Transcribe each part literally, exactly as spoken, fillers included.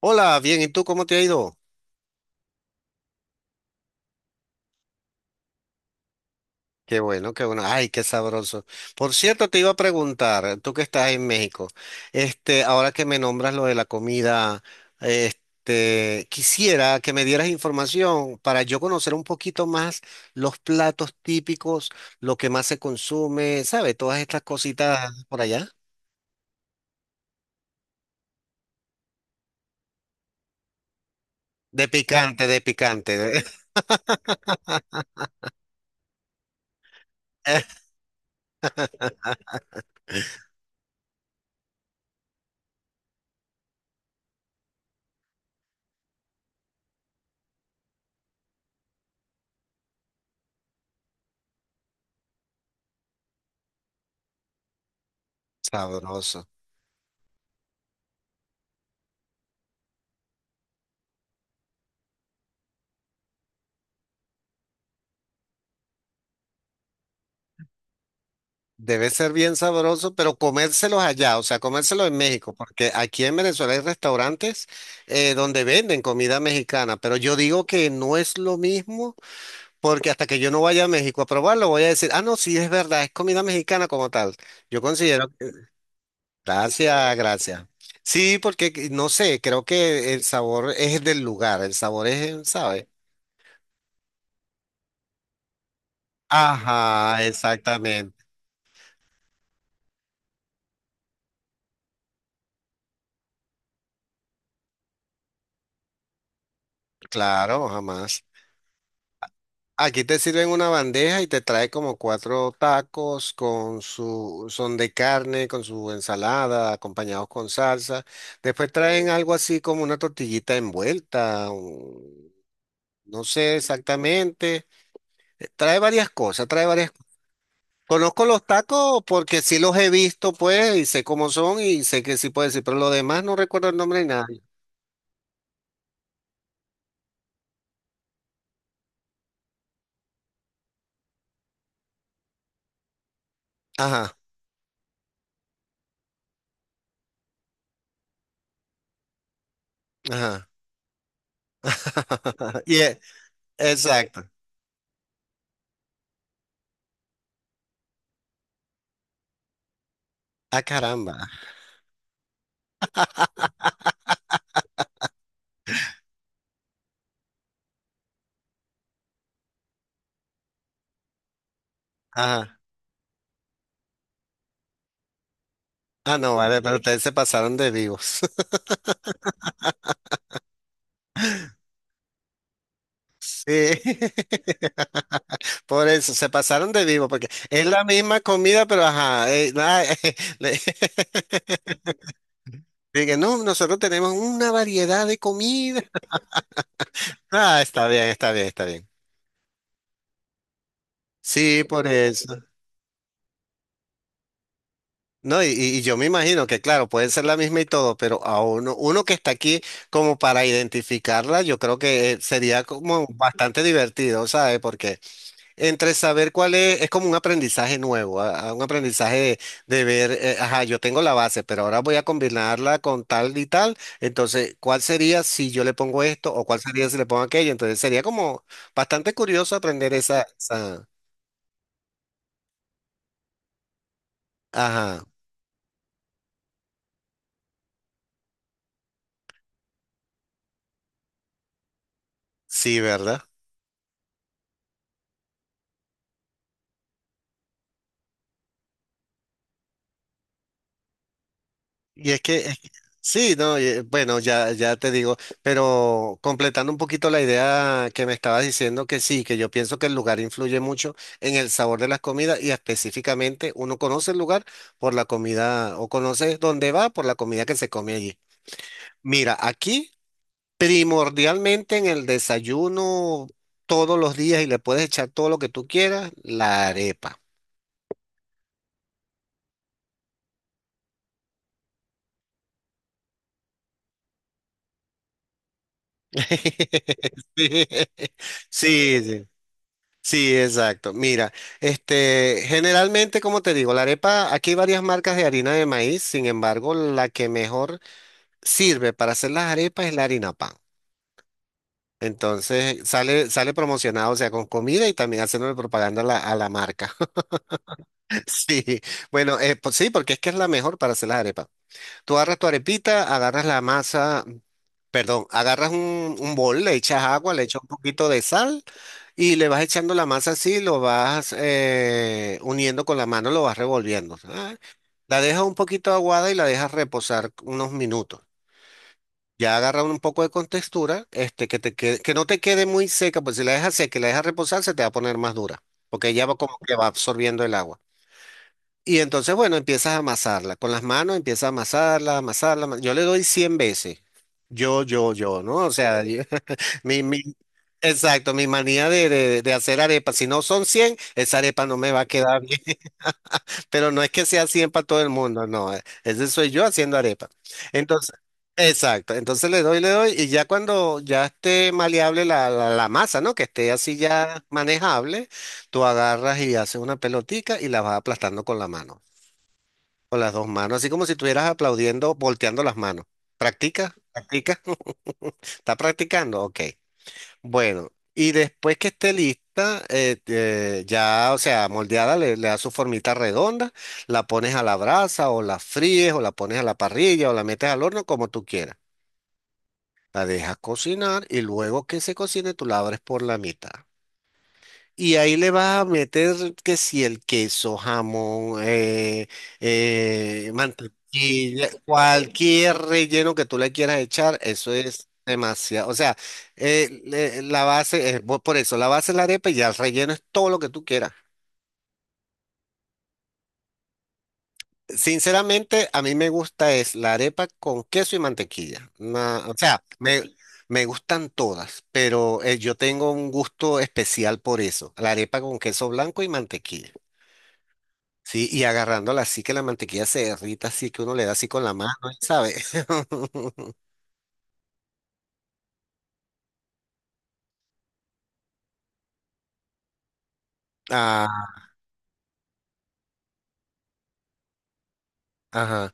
Hola, bien, ¿y tú cómo te ha ido? Qué bueno, qué bueno. Ay, qué sabroso. Por cierto, te iba a preguntar, tú que estás en México, este, ahora que me nombras lo de la comida, este, quisiera que me dieras información para yo conocer un poquito más los platos típicos, lo que más se consume, ¿sabes? Todas estas cositas por allá. De picante, de picante. Sabroso. Debe ser bien sabroso, pero comérselos allá, o sea, comérselos en México, porque aquí en Venezuela hay restaurantes eh, donde venden comida mexicana, pero yo digo que no es lo mismo, porque hasta que yo no vaya a México a probarlo, voy a decir, ah, no, sí, es verdad, es comida mexicana como tal. Yo considero que. Gracias, gracias. Sí, porque que- no sé, creo que el sabor es del lugar, el sabor es, ¿sabe? Ajá, exactamente, claro, jamás. Aquí te sirven una bandeja y te trae como cuatro tacos con su, son de carne, con su ensalada, acompañados con salsa. Después traen algo así como una tortillita envuelta, un- no sé exactamente. Eh, Trae varias cosas, trae varias cosas. Conozco los tacos porque sí los he visto, pues, y sé cómo son y sé que sí puedo decir, pero lo demás no recuerdo el nombre ni nada. Ajá, ajá. Y e- exacto. Ah, caramba. Ajá. Ah, no, vale, pero ustedes se pasaron de vivos. Sí. Por eso, se pasaron de vivo, porque es la misma comida, pero ajá. eh, ah, le- Dije, no, nosotros tenemos una variedad de comida. Ah, está bien, está bien, está bien. Sí, por eso. No, y, y yo me imagino que, claro, puede ser la misma y todo, pero a uno, uno que está aquí como para identificarla, yo creo que eh, sería como bastante divertido, ¿sabes? Porque entre saber cuál es, es como un aprendizaje nuevo, a- a un aprendizaje de, de ver, eh, ajá, yo tengo la base, pero ahora voy a combinarla con tal y tal, entonces, ¿cuál sería si yo le pongo esto o cuál sería si le pongo aquello? Entonces, sería como bastante curioso aprender esa, esa, ajá, sí, ¿verdad? Y es que, es que- sí, no, y, eh, bueno, ya, ya te digo, pero completando un poquito la idea que me estabas diciendo, que sí, que yo pienso que el lugar influye mucho en el sabor de las comidas y específicamente uno conoce el lugar por la comida o conoce dónde va por la comida que se come allí. Mira, aquí primordialmente en el desayuno todos los días y le puedes echar todo lo que tú quieras, la arepa. Sí, sí. Sí, exacto. Mira, este, generalmente, como te digo, la arepa, aquí hay varias marcas de harina de maíz, sin embargo, la que mejor sirve para hacer las arepas es la harina pan. Entonces, sale, sale promocionado, o sea, con comida y también haciéndole propaganda a la, a la marca. Sí, bueno, eh, pues sí, porque es que es la mejor para hacer las arepas. Tú agarras tu arepita, agarras la masa. Perdón, agarras un, un bol, le echas agua, le echas un poquito de sal y le vas echando la masa así, lo vas eh, uniendo con la mano, lo vas revolviendo. Ah. La dejas un poquito aguada y la dejas reposar unos minutos. Ya agarra un poco de contextura, este, que te quede- que no te quede muy seca, pues si la dejas seca y la dejas reposar, se te va a poner más dura, porque ya va como que va absorbiendo el agua. Y entonces, bueno, empiezas a amasarla. Con las manos empiezas a amasarla, amasarla. ama- Yo le doy cien veces. Yo, yo, yo, ¿no? O sea, yo- mi, mi- exacto, mi manía de, de- de hacer arepas. Si no son cien esa arepa no me va a quedar bien. Pero no es que sea cien para todo el mundo, no. eh, Ese soy yo haciendo arepa. Entonces, exacto. Entonces le doy, le doy. Y ya cuando ya esté maleable la, la la masa, ¿no? Que esté así ya manejable, tú agarras y haces una pelotica y la vas aplastando con la mano. Con las dos manos, así como si estuvieras aplaudiendo, volteando las manos. ¿Practica? ¿Practica? ¿Está practicando? Ok. Bueno, y después que esté lista, eh, eh, ya, o sea, moldeada, le, le das su formita redonda, la pones a la brasa o la fríes o la pones a la parrilla o la metes al horno como tú quieras. La dejas cocinar y luego que se cocine, tú la abres por la mitad. Y ahí le vas a meter que si el queso, jamón, eh, eh, mantequilla, cualquier relleno que tú le quieras echar, eso es demasiado. O sea, eh, le- la base es, bu- por eso, la base es la arepa y ya el relleno es todo lo que tú quieras. Sinceramente, a mí me gusta es la arepa con queso y mantequilla. Na- o sea, me, me gustan todas, pero eh, yo tengo un gusto especial por eso, la arepa con queso blanco y mantequilla. Sí, y agarrándola así que la mantequilla se derrita, así que uno le da así con la mano, ¿sabes? Ah, ajá.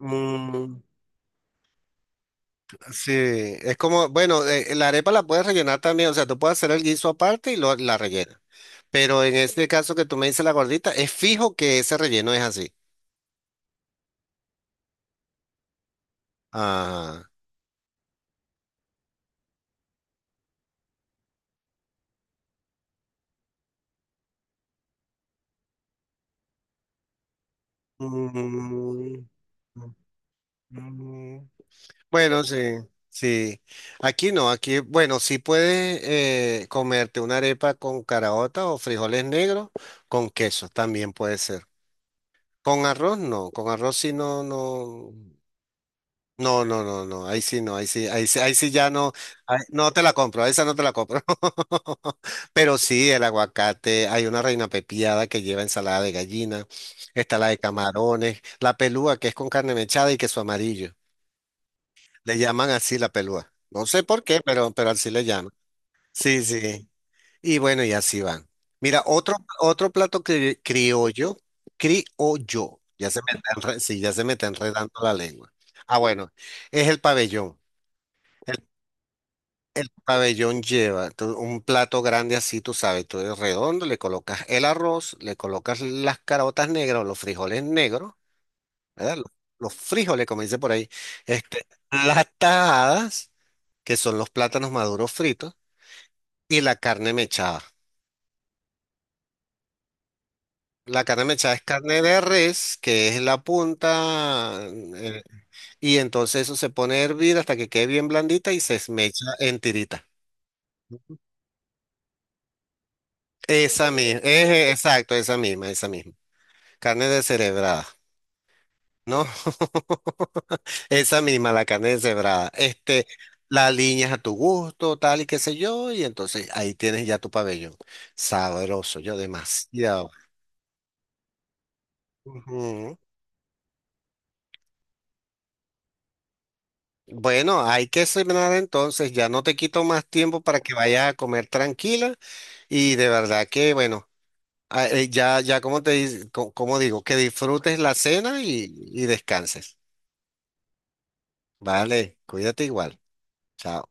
Mm, sí, es como, bueno, eh, la arepa la puedes rellenar también, o sea, tú puedes hacer el guiso aparte y lo, la rellenas. Pero en este caso que tú me dices la gordita, es fijo que ese relleno es así. Ajá. Mm, mm, mm, mm. Bueno, sí, sí. Aquí no, aquí, bueno, sí puedes eh, comerte una arepa con caraota o frijoles negros con queso, también puede ser. Con arroz no, con arroz sí no, no, no, no, no, no, ahí sí no, ahí sí, ahí sí, ahí sí ya no, ahí- no te la compro, esa no te la compro. Pero sí, el aguacate, hay una reina pepiada que lleva ensalada de gallina, está la de camarones, la pelúa que es con carne mechada y queso amarillo. Le llaman así la pelúa. No sé por qué, pero, pero así le llaman. Sí, sí. Y bueno, y así van. Mira, otro, otro plato cri- criollo, criollo, ya se me está enre- sí, ya se me está enredando la lengua. Ah, bueno, es el pabellón. El, el pabellón lleva tú- un plato grande así, tú sabes, tú eres redondo, le colocas el arroz, le colocas las carotas negras o los frijoles negros, ¿verdad? Los, los frijoles, como dice por ahí, este, las tajadas, que son los plátanos maduros fritos, y la carne mechada. La carne mechada es carne de res, que es la punta, eh, y entonces eso se pone a hervir hasta que quede bien blandita y se esmecha en tirita. Esa misma, exacto, esa misma, esa misma. Carne descerebrada, ¿no? Esa misma, la carne deshebrada. Este, la alineas a tu gusto, tal y qué sé yo, y entonces ahí tienes ya tu pabellón. Sabroso, yo demasiado. Ujú. Bueno, hay que cenar entonces, ya no te quito más tiempo para que vayas a comer tranquila y de verdad que, bueno, ah, eh, ya, ya como te di- co- como digo, que disfrutes la cena y, y descanses. Vale, cuídate igual. Chao.